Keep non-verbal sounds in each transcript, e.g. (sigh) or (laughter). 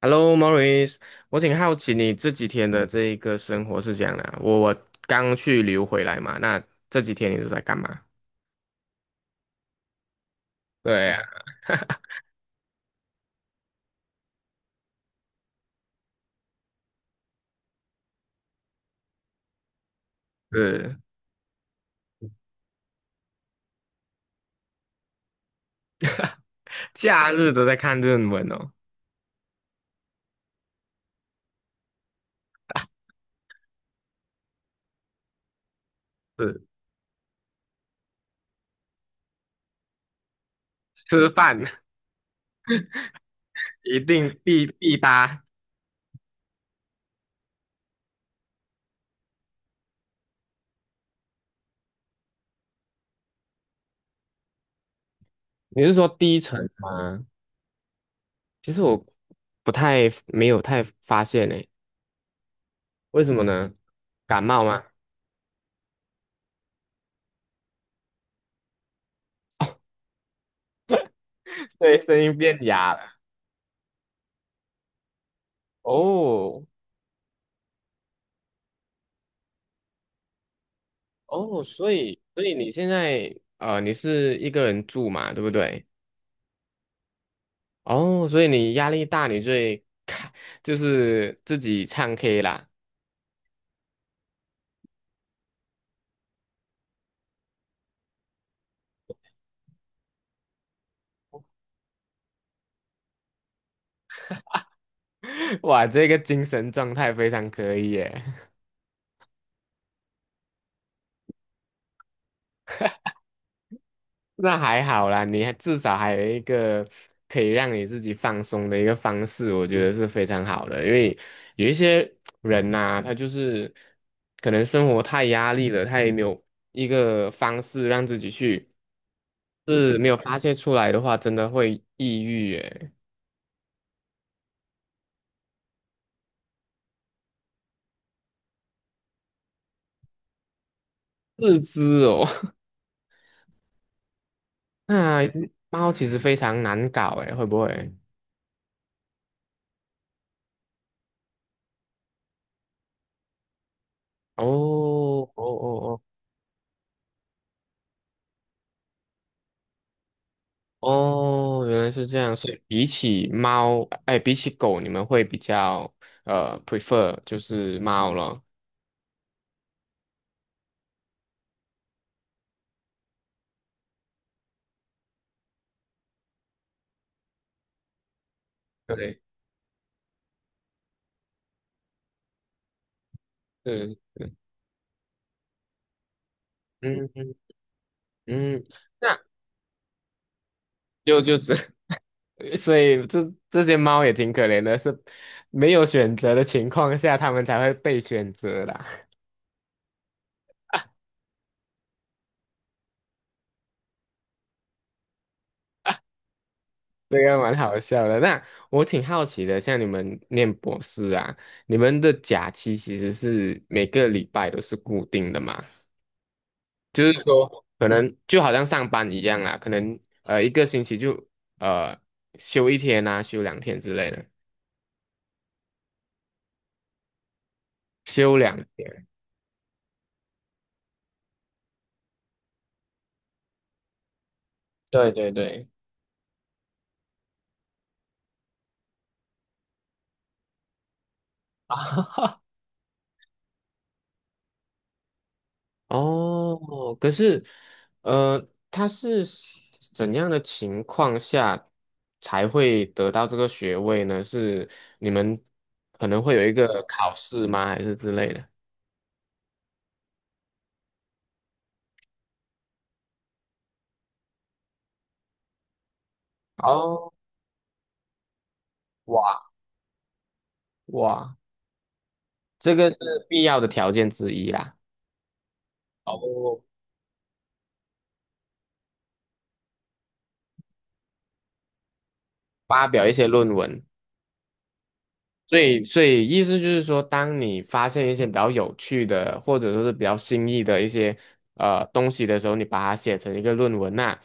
Hello, Maurice，我挺好奇你这几天的这一个生活是怎样的啊我刚去旅游回来嘛，那这几天你都在干嘛？对呀，是假日都在看论文哦，是吃饭 (laughs) 一定必搭。你是说低沉吗？其实我不太没有太发现诶，为什么呢？感冒吗？(laughs) 对，声音变哑了。哦哦，所以你现在你是一个人住嘛，对不对？哦，所以你压力大，你最看就是自己唱 K 啦。(laughs) 哇，这个精神状态非常可以耶。(laughs) 那还好啦，你还至少还有一个可以让你自己放松的一个方式，我觉得是非常好的。因为有一些人呐、他就是可能生活太压力了，他也没有一个方式让自己去，是没有发泄出来的话，真的会抑郁耶。自知哦。那猫其实非常难搞诶，会不会？哦哦哦哦哦，原来是这样。所以比起猫，哎，比起狗，你们会比较prefer 就是猫咯。对，是，是嗯嗯嗯，那 (laughs) 就这，(laughs) 所以这些猫也挺可怜的，是没有选择的情况下，它们才会被选择啦。这个蛮好笑的。那我挺好奇的，像你们念博士啊，你们的假期其实是每个礼拜都是固定的嘛？就是说，可能就好像上班一样啊，可能一个星期就呃休一天啊，休两天之类的，休两天。对对对。(laughs) 哈。哦，可是，呃，他是怎样的情况下才会得到这个学位呢？是你们可能会有一个考试吗？还是之类的？哦，哇哇，这个是必要的条件之一啦。哦，发表一些论文。所以，意思就是说，当你发现一些比较有趣的，或者说是比较新意的一些东西的时候，你把它写成一个论文呐、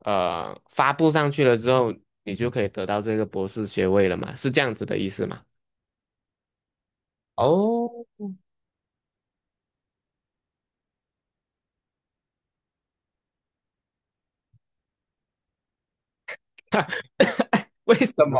发布上去了之后，你就可以得到这个博士学位了嘛，是这样子的意思吗？哦，(laughs) 为什么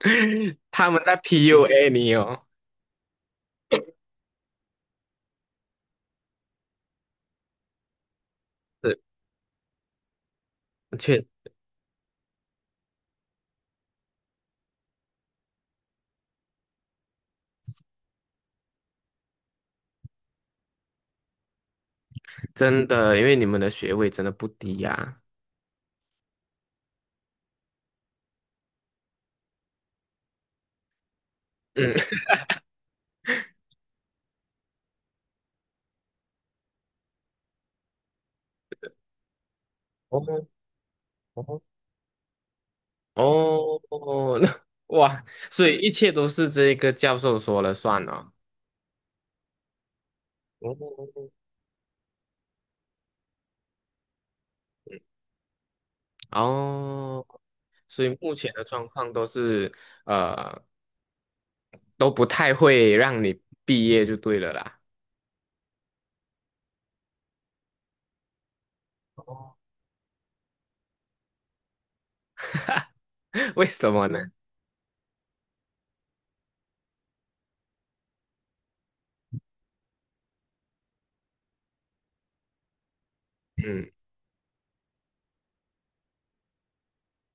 (laughs) 他们在 PUA 你哦？是，确实真的，因为你们的学位真的不低呀、嗯。(laughs) 哦哦哦，(laughs) 那哇，所以一切都是这个教授说了算了。哦，哦，所以目前的状况都是呃都不太会让你毕业就对了啦。(laughs) 为什么呢？嗯，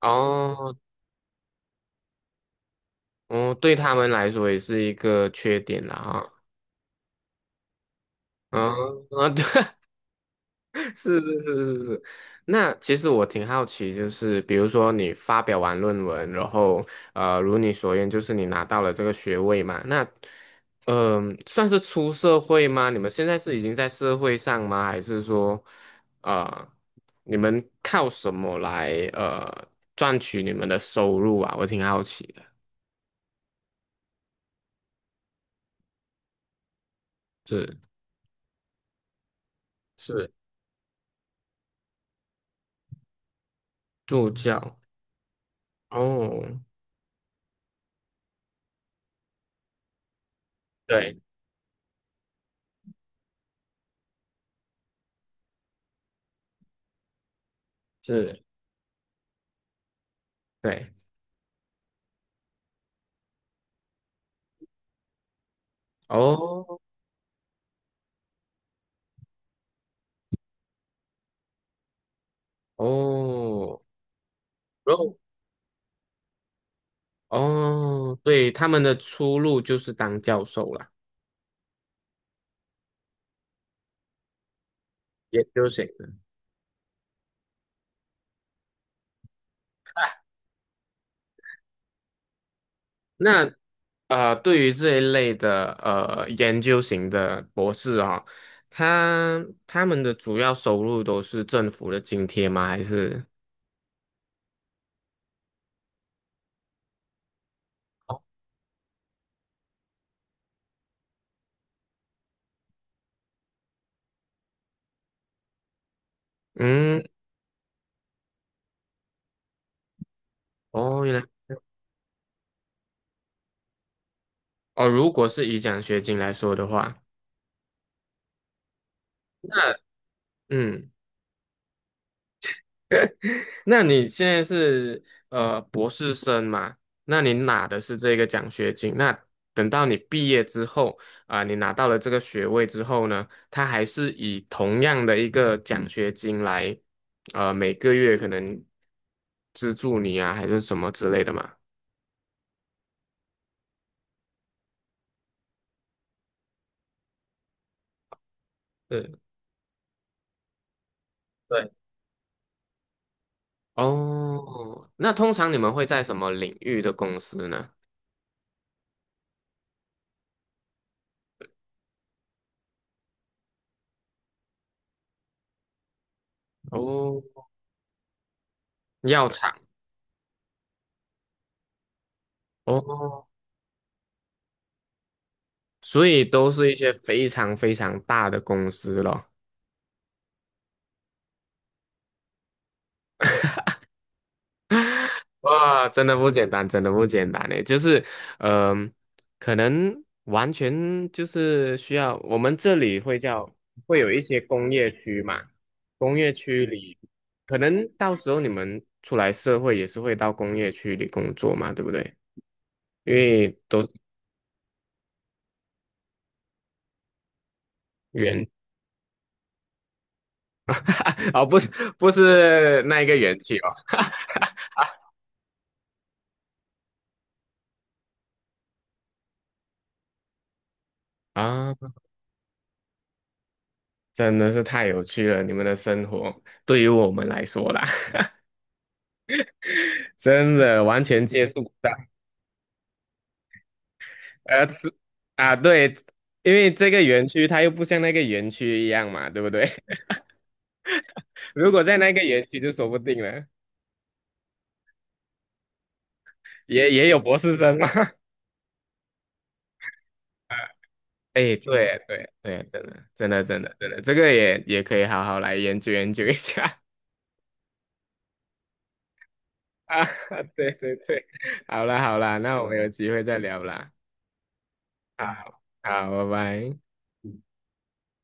哦，哦，对他们来说也是一个缺点啦哈。嗯，(laughs) 啊，对，是是是是是，那其实我挺好奇，就是比如说你发表完论文，然后如你所愿，就是你拿到了这个学位嘛，那算是出社会吗？你们现在是已经在社会上吗？还是说啊，你们靠什么来赚取你们的收入啊？我挺好奇的。是是助教哦，对，是，对，哦哦，然后。哦，对，他们的出路就是当教授啦，研究型的。那对于这一类的研究型的博士啊、他们的主要收入都是政府的津贴吗？还是哦嗯，哦，原来哦，如果是以奖学金来说的话，那嗯。(laughs) 那你现在是博士生嘛？那你拿的是这个奖学金。那等到你毕业之后啊、你拿到了这个学位之后呢，他还是以同样的一个奖学金来，每个月可能资助你啊，还是什么之类的嘛？对对，哦，那通常你们会在什么领域的公司呢？哦，药厂哦，所以都是一些非常非常大的公司咯。哇，真的不简单，真的不简单诶，就是，嗯、可能完全就是需要我们这里会有一些工业区嘛，工业区里，可能到时候你们出来社会也是会到工业区里工作嘛，对不对？因为都园 (laughs) 哦，不是不是那一个园区哦，啊，真的是太有趣了，你们的生活对于我们来说啦，(laughs) 真的完全接触不到。吃啊，对，因为这个园区它又不像那个园区一样嘛，对不对？(laughs) 如果在那个园区就说不定了，也有博士生嘛。(laughs) 啊，哎，对对对，真的真的真的真的，这个也可以好好来研究研究一下 (laughs) 啊。对对对，好啦好啦，那我们有机会再聊啦。好，好，拜拜。